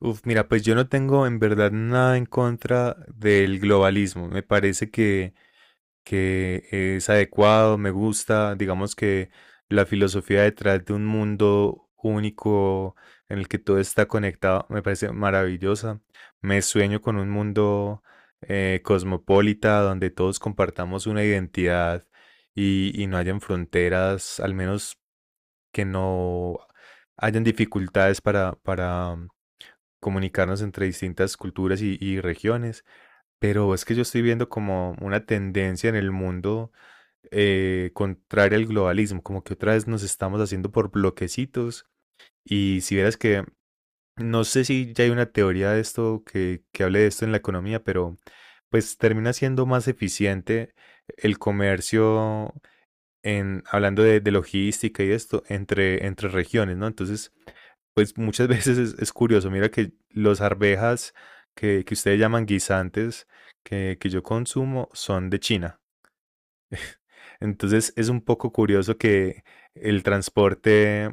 Uf, mira, pues yo no tengo en verdad nada en contra del globalismo. Me parece que es adecuado, me gusta, digamos que la filosofía detrás de un mundo único en el que todo está conectado me parece maravillosa. Me sueño con un mundo cosmopolita donde todos compartamos una identidad y no hayan fronteras, al menos que no hayan dificultades para comunicarnos entre distintas culturas y regiones, pero es que yo estoy viendo como una tendencia en el mundo contraria al globalismo, como que otra vez nos estamos haciendo por bloquecitos y si vieras que no sé si ya hay una teoría de esto que hable de esto en la economía, pero pues termina siendo más eficiente el comercio en, hablando de logística y esto, entre regiones, ¿no? Entonces, pues muchas veces es curioso, mira que los arvejas que ustedes llaman guisantes, que yo consumo, son de China. Entonces es un poco curioso que el transporte,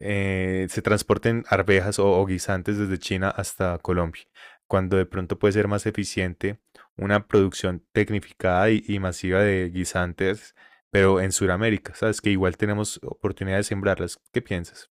se transporten arvejas o guisantes desde China hasta Colombia, cuando de pronto puede ser más eficiente una producción tecnificada y masiva de guisantes, pero en Sudamérica, ¿sabes? Que igual tenemos oportunidad de sembrarlas. ¿Qué piensas?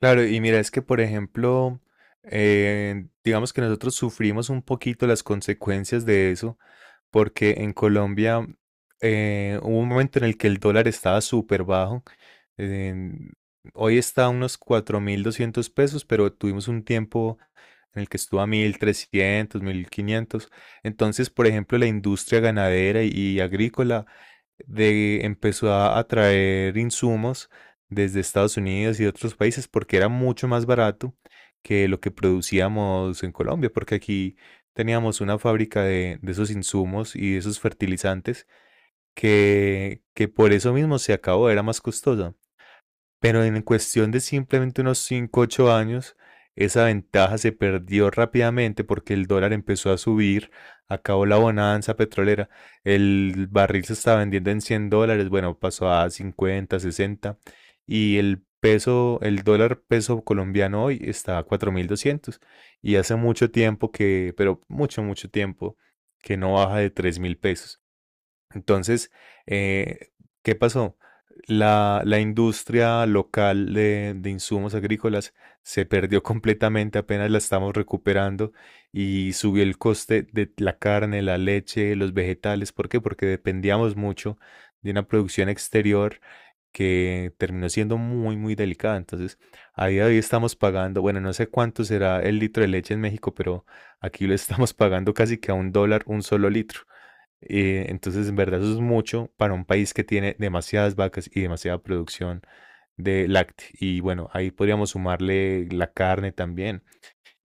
Claro, y mira, es que por ejemplo, digamos que nosotros sufrimos un poquito las consecuencias de eso, porque en Colombia hubo un momento en el que el dólar estaba súper bajo. en- Hoy está a unos 4.200 pesos, pero tuvimos un tiempo en el que estuvo a 1.300 1.500. Entonces, por ejemplo, la industria ganadera y agrícola empezó a traer insumos desde Estados Unidos y otros países porque era mucho más barato que lo que producíamos en Colombia, porque aquí teníamos una fábrica de esos insumos y de esos fertilizantes que por eso mismo se acabó, era más costosa. Pero en cuestión de simplemente unos 5 8 años, esa ventaja se perdió rápidamente porque el dólar empezó a subir, acabó la bonanza petrolera, el barril se estaba vendiendo en 100 dólares, bueno, pasó a 50, 60 y el peso, el dólar peso colombiano hoy está a 4.200 y hace mucho tiempo que, pero mucho, mucho tiempo, que no baja de 3.000 pesos. Entonces, eh, ¿qué pasó? La industria local de insumos agrícolas se perdió completamente, apenas la estamos recuperando y subió el coste de la carne, la leche, los vegetales. ¿Por qué? Porque dependíamos mucho de una producción exterior que terminó siendo muy, muy delicada. Entonces, a día de hoy estamos pagando, bueno, no sé cuánto será el litro de leche en México, pero aquí lo estamos pagando casi que a 1 dólar un solo litro. Entonces, en verdad, eso es mucho para un país que tiene demasiadas vacas y demasiada producción de lácteos. Y bueno, ahí podríamos sumarle la carne también.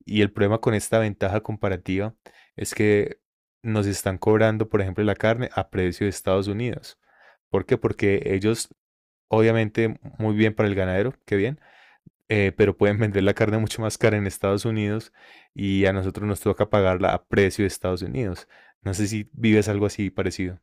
Y el problema con esta ventaja comparativa es que nos están cobrando, por ejemplo, la carne a precio de Estados Unidos. ¿Por qué? Porque ellos, obviamente, muy bien para el ganadero, qué bien, pero pueden vender la carne mucho más cara en Estados Unidos y a nosotros nos toca pagarla a precio de Estados Unidos. No sé si vives algo así parecido.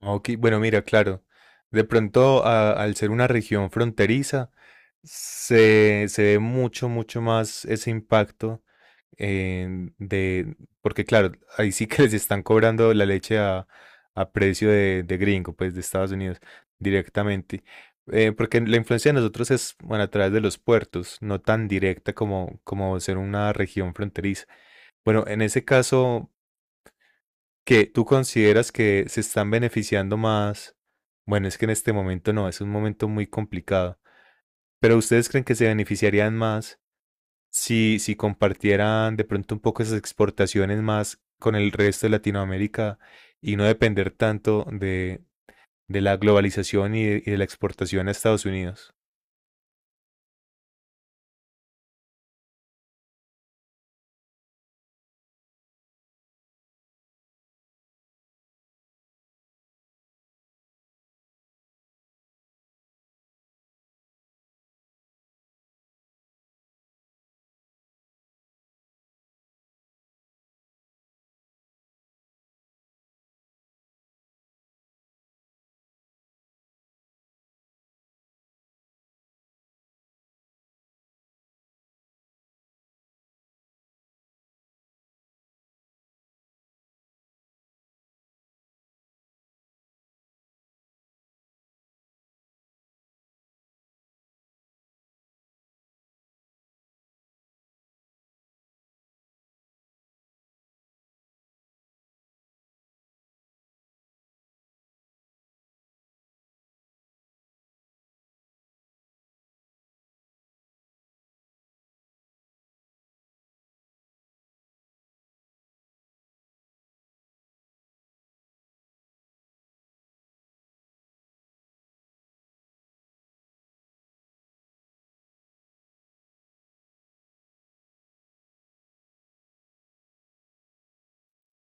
Ok, bueno, mira, claro. De pronto, al ser una región fronteriza, se ve mucho, mucho más ese impacto de, porque claro, ahí sí que les están cobrando la leche a precio de gringo, pues de Estados Unidos, directamente. Porque la influencia de nosotros es, bueno, a través de los puertos, no tan directa como ser una región fronteriza. Bueno, en ese caso, que tú consideras que se están beneficiando más. Bueno, es que en este momento no, es un momento muy complicado. Pero ustedes creen que se beneficiarían más si compartieran de pronto un poco esas exportaciones más con el resto de Latinoamérica y no depender tanto de la globalización y de la exportación a Estados Unidos.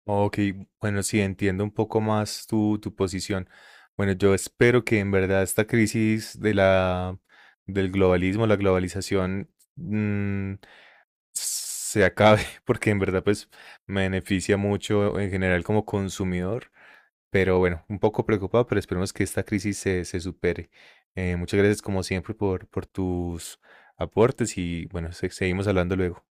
Ok, bueno, sí, entiendo un poco más tu posición. Bueno, yo espero que en verdad esta crisis del globalismo, la globalización, mm, se acabe, porque en verdad pues me beneficia mucho en general como consumidor, pero bueno, un poco preocupado, pero esperemos que esta crisis se supere. Muchas gracias como siempre por tus aportes y bueno, seguimos hablando luego.